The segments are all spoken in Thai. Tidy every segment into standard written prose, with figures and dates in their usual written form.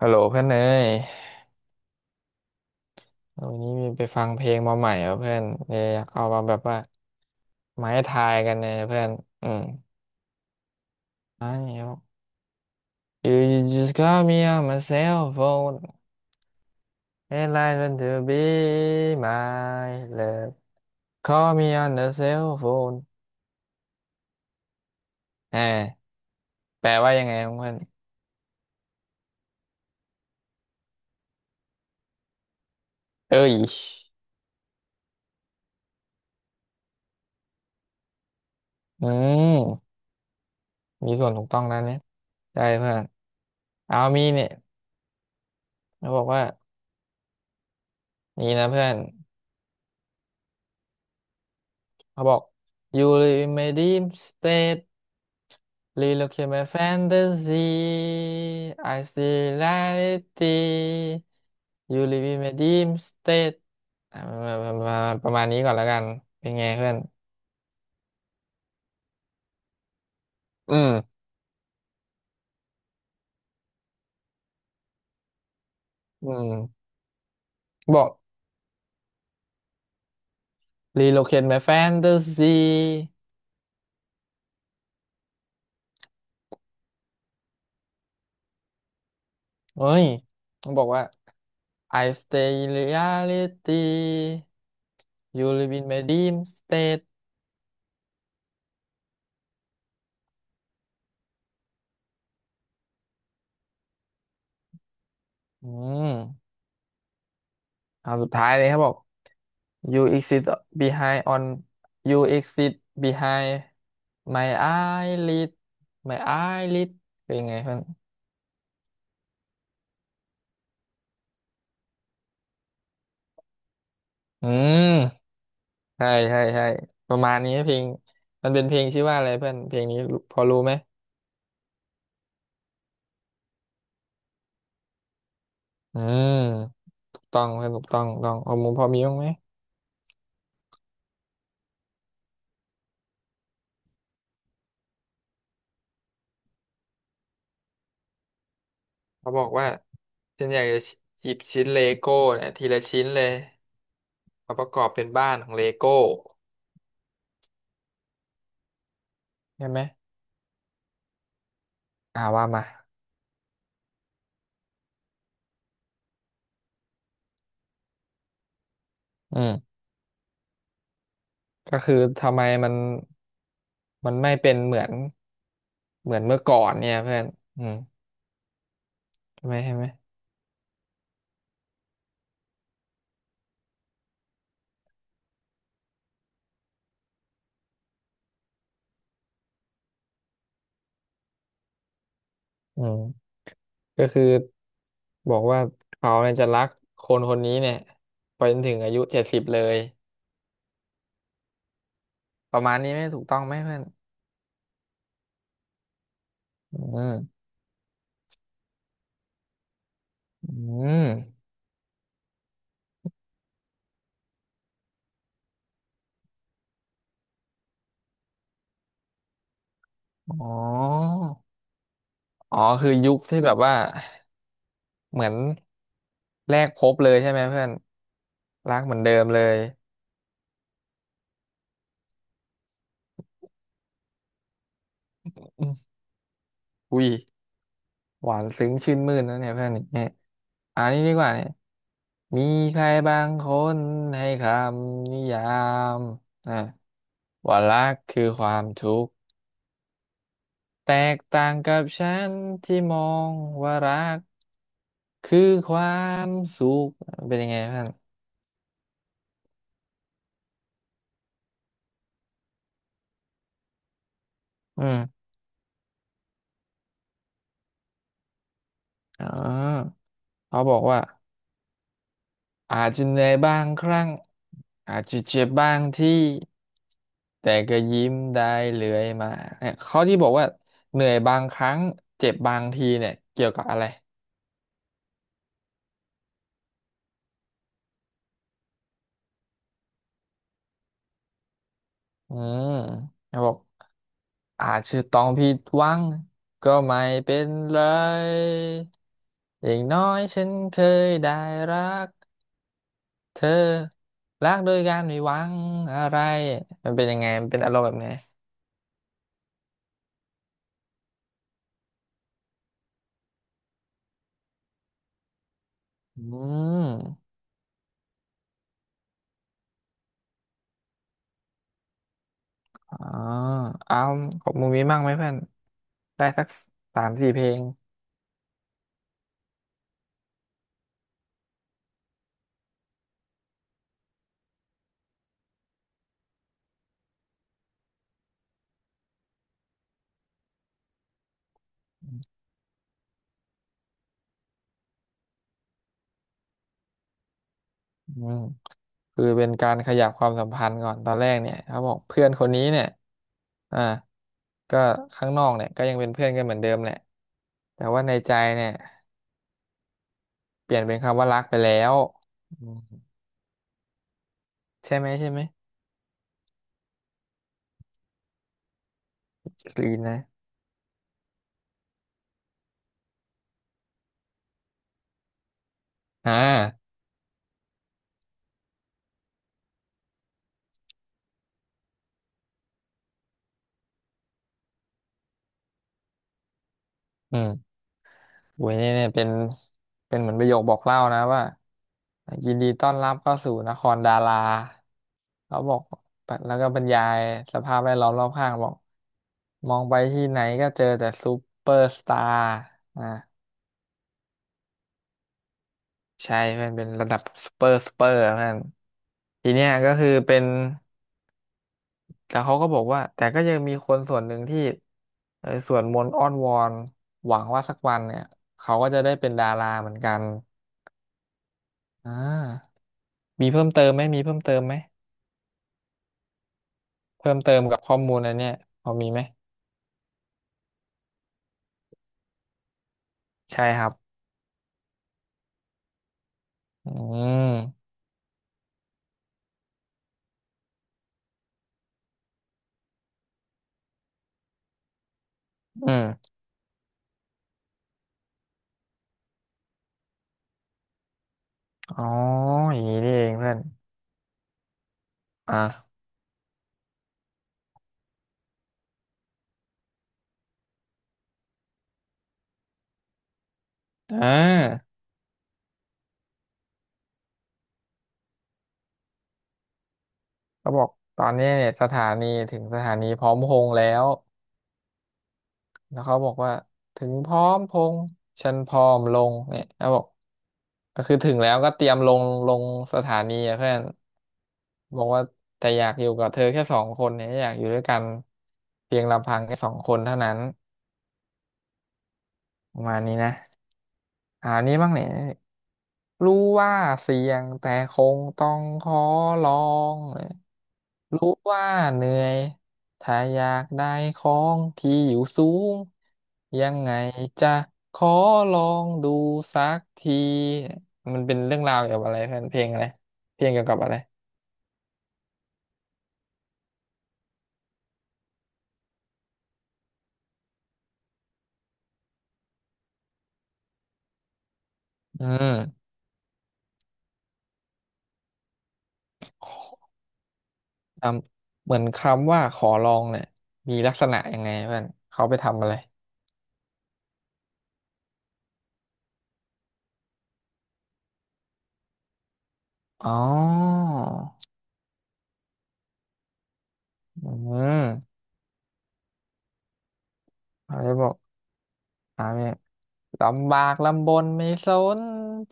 ฮัลโหลเพื่อนเอ้ยวันนี้มีไปฟังเพลงมาใหม่เหรอเพื่อนเลยอยากเอามาแบบว่ามาให้ทายกันเนี่ยเพื่อนอืมไม่เอา You you just call me on my cell phone and I want to be my love Call me on the cell phone อ่าแปลว่ายังไงครับเพื่อนเอ้ยอืมมีส่วนถูกต้องแล้วเนี่ยได้เพื่อนเอามีเนี่ยเขาบอกว่านี่นะเพื่อนเขาบอก You live in my dream state Relook at my fantasy. I see reality. You live in my dream state อ่ะประมาณนี้ก่อนแล้วกันเป็นไงเพื่อนอืมอืมบอก relocate my fantasy เฮ้ยต้องบอกว่า I stay in reality You live in my dream state อืมเอาสุดท้ายเลยครับบอก You exist behind on you exist behind my eyelid my eyelid เป็นไงเพื่อนอืมใช่ใช่ใช่ประมาณนี้เพลงมันเป็นเพลงชื่อว่าอะไรเพื่อน เพลงนี้รู้พอรู้ไหม อืมถูกต้องเพื่อนถูกต้องถูกต้องเอามุมพอมีบ้างไหมเขาบอกว่าฉันอยากจะหยิบชิ้นเลโก้เนี่ยทีละชิ้นเลยมาประกอบเป็นบ้านของเลโก้ใช่ไหมอ่าว่ามา อืม ก็คือทำไมมันไม่เป็นเหมือนเมื่อก่อนเนี่ยเพื่อนอืมใช่ไหมใช่ไหมอืมก็คือบอกว่าเขาเนี่ยจะรักคนคนนี้เนี่ยไปจนถึงอายุเจ็ดสิบเลยประมาณนี้ไหมถูกต้องไหมเพื่อนอืมอืมอ๋ออ๋อคือยุคที่แบบว่าเหมือนแรกพบเลยใช่ไหมเพื่อนรักเหมือนเดิมเลยอืมอุ้ยหวานซึ้งชื่นมื่นนะเนี่ยเพื่อนเนี่ยอันนี้ดีกว่าเนี่ย มีใครบางคนให้คำนิยามอ่ะว่ารักคือความทุกข์แตกต่างกับฉันที่มองว่ารักคือความสุขเป็นยังไงท่านอืมอ๋อเขาบอกว่าอาจจะเหนื่อยบางครั้งอาจจะเจ็บบางที่แต่ก็ยิ้มได้เรื่อยมาเนี่ยเขาที่บอกว่าเหนื่อยบางครั้งเจ็บบางทีเนี่ยเกี่ยวกับอะไรอืมเขาบอก อาจจะต้องผิดหวังก็ไม่เป็นไรอย่างน้อยฉันเคยได้รักเธอรักโดยการไม่หวังอะไรมันเป็นยังไงมันเป็นอารมณ์แบบไหนอืมอ๋อเอาของมึงมีมั่งไหมเพื่อนได้สักสามสี่เพลงอืมคือเป็นการขยับความสัมพันธ์ก่อนตอนแรกเนี่ยเขาบอกเพื่อนคนนี้เนี่ยอ่าก็ข้างนอกเนี่ยก็ยังเป็นเพื่อนกันเหมือนเดิมแหละแต่ว่าในใจเนี่ย เปลี่ยนเป็นคำว่ารักไปแล้วอืมใช่ไหมใช่ไหมกรีนนะอ่าอืมโอ้ยเนี่ยเป็นเหมือนประโยคบอกเล่านะว่ายินดีต้อนรับเข้าสู่นครดาราเขาบอกแล้วก็บรรยายสภาพแวดล้อมรอบข้างบอกมองไปที่ไหนก็เจอแต่ซูเปอร์สตาร์อ่าใช่เพื่อนเป็นระดับซูเปอร์ซูเปอร์เพื่อนทีเนี้ยก็คือเป็น แต่เขาก็บอกว่าแต่ก็ยังมีคนส่วนหนึ่งที่เออสวดมนต์อ้อนวอนหวังว่าสักวันเนี่ยเขาก็จะได้เป็นดาราเหมือนกันอ่ามีเพิ่มเติมไหมมีเพิ่มเติมไหมเพิ่มเติมกับข้อมูลอันเนี้ยพอมีไหมใช่ครับอืมอืมอ๋ออย่างนี้นี่เองเพื่อนอ่ะอ่าเขาบอกตอนนี้เนี่ยสถานีถึงสถานีพร้อมพงษ์แล้วแล้วเขาบอกว่าถึงพร้อมพงษ์ฉันพร้อมลงเนี่ยเขาบอก ก็คือถึงแล้วก็เตรียมลงสถานีอะเพื่อนบอกว่าแต่อยากอยู่กับเธอแค่สองคนเนี่ยอยากอยู่ด้วยกันเพียงลำพังแค่สองคนเท่านั้นประมาณนี้นะ อ่านี้บ้างเนี่ยรู้ว่าเสี่ยงแต่คงต้องขอลองรู้ว่าเหนื่อยถ้าอยากได้ของที่อยู่สูงยังไงจะขอลองดูสักทีมันเป็นเรื่องราวเกี่ยวกับอะไรเพื่อนเพลงอะไรเพลงเกี่ยวกับอะไรอืมคำเหมือนคำว่าขอลองเนี่ยมีลักษณะยังไงเพื่อนเขาไปทำอะไรอ๋ออืมเขาจะบอก อ่าเนี่ยลำบากลำบนไม่สน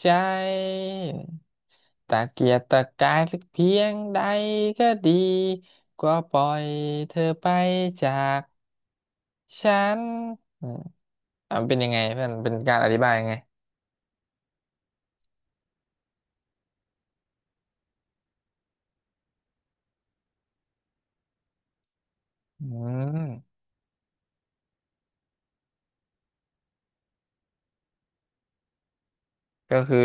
ใจตะเกียกตะกายสักเพียงใดก็ดีก็ปล่อยเธอไปจากฉันอืมอ่ะมันเป็นยังไงเพื่อนเป็นการอธิบายยังไงอืมก็คือ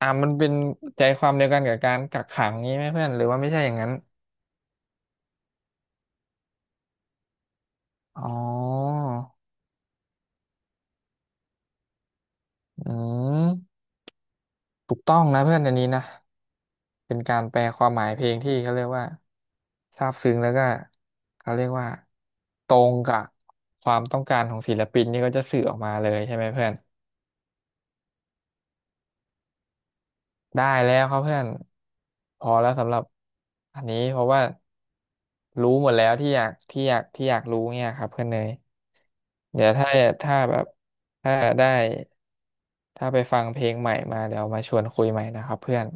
มันเป็นใจความเดียวกันกับการกักขังนี้ไหมเพื่อนหรือว่าไม่ใช่อย่างนั้นอ๋ออืมถูกต้องนะเพื่อนอันนี้นะ เป็นการแปลความหมายเพลงที่เขาเรียกว่าซาบซึ้งแล้วก็เขาเรียกว่าตรงกับความต้องการของศิลปินนี่ก็จะสื่อออกมาเลยใช่ไหมเพื่อนได้แล้วครับเพื่อนพอแล้วสำหรับอันนี้เพราะว่ารู้หมดแล้วที่อยากรู้เนี่ยครับเพื่อนเนยเดี๋ยวถ้าถ้าแบบถ้าได้ถ้าไปฟังเพลงใหม่มาเดี๋ยวมาชวนคุยใหม่นะครับเพื่อน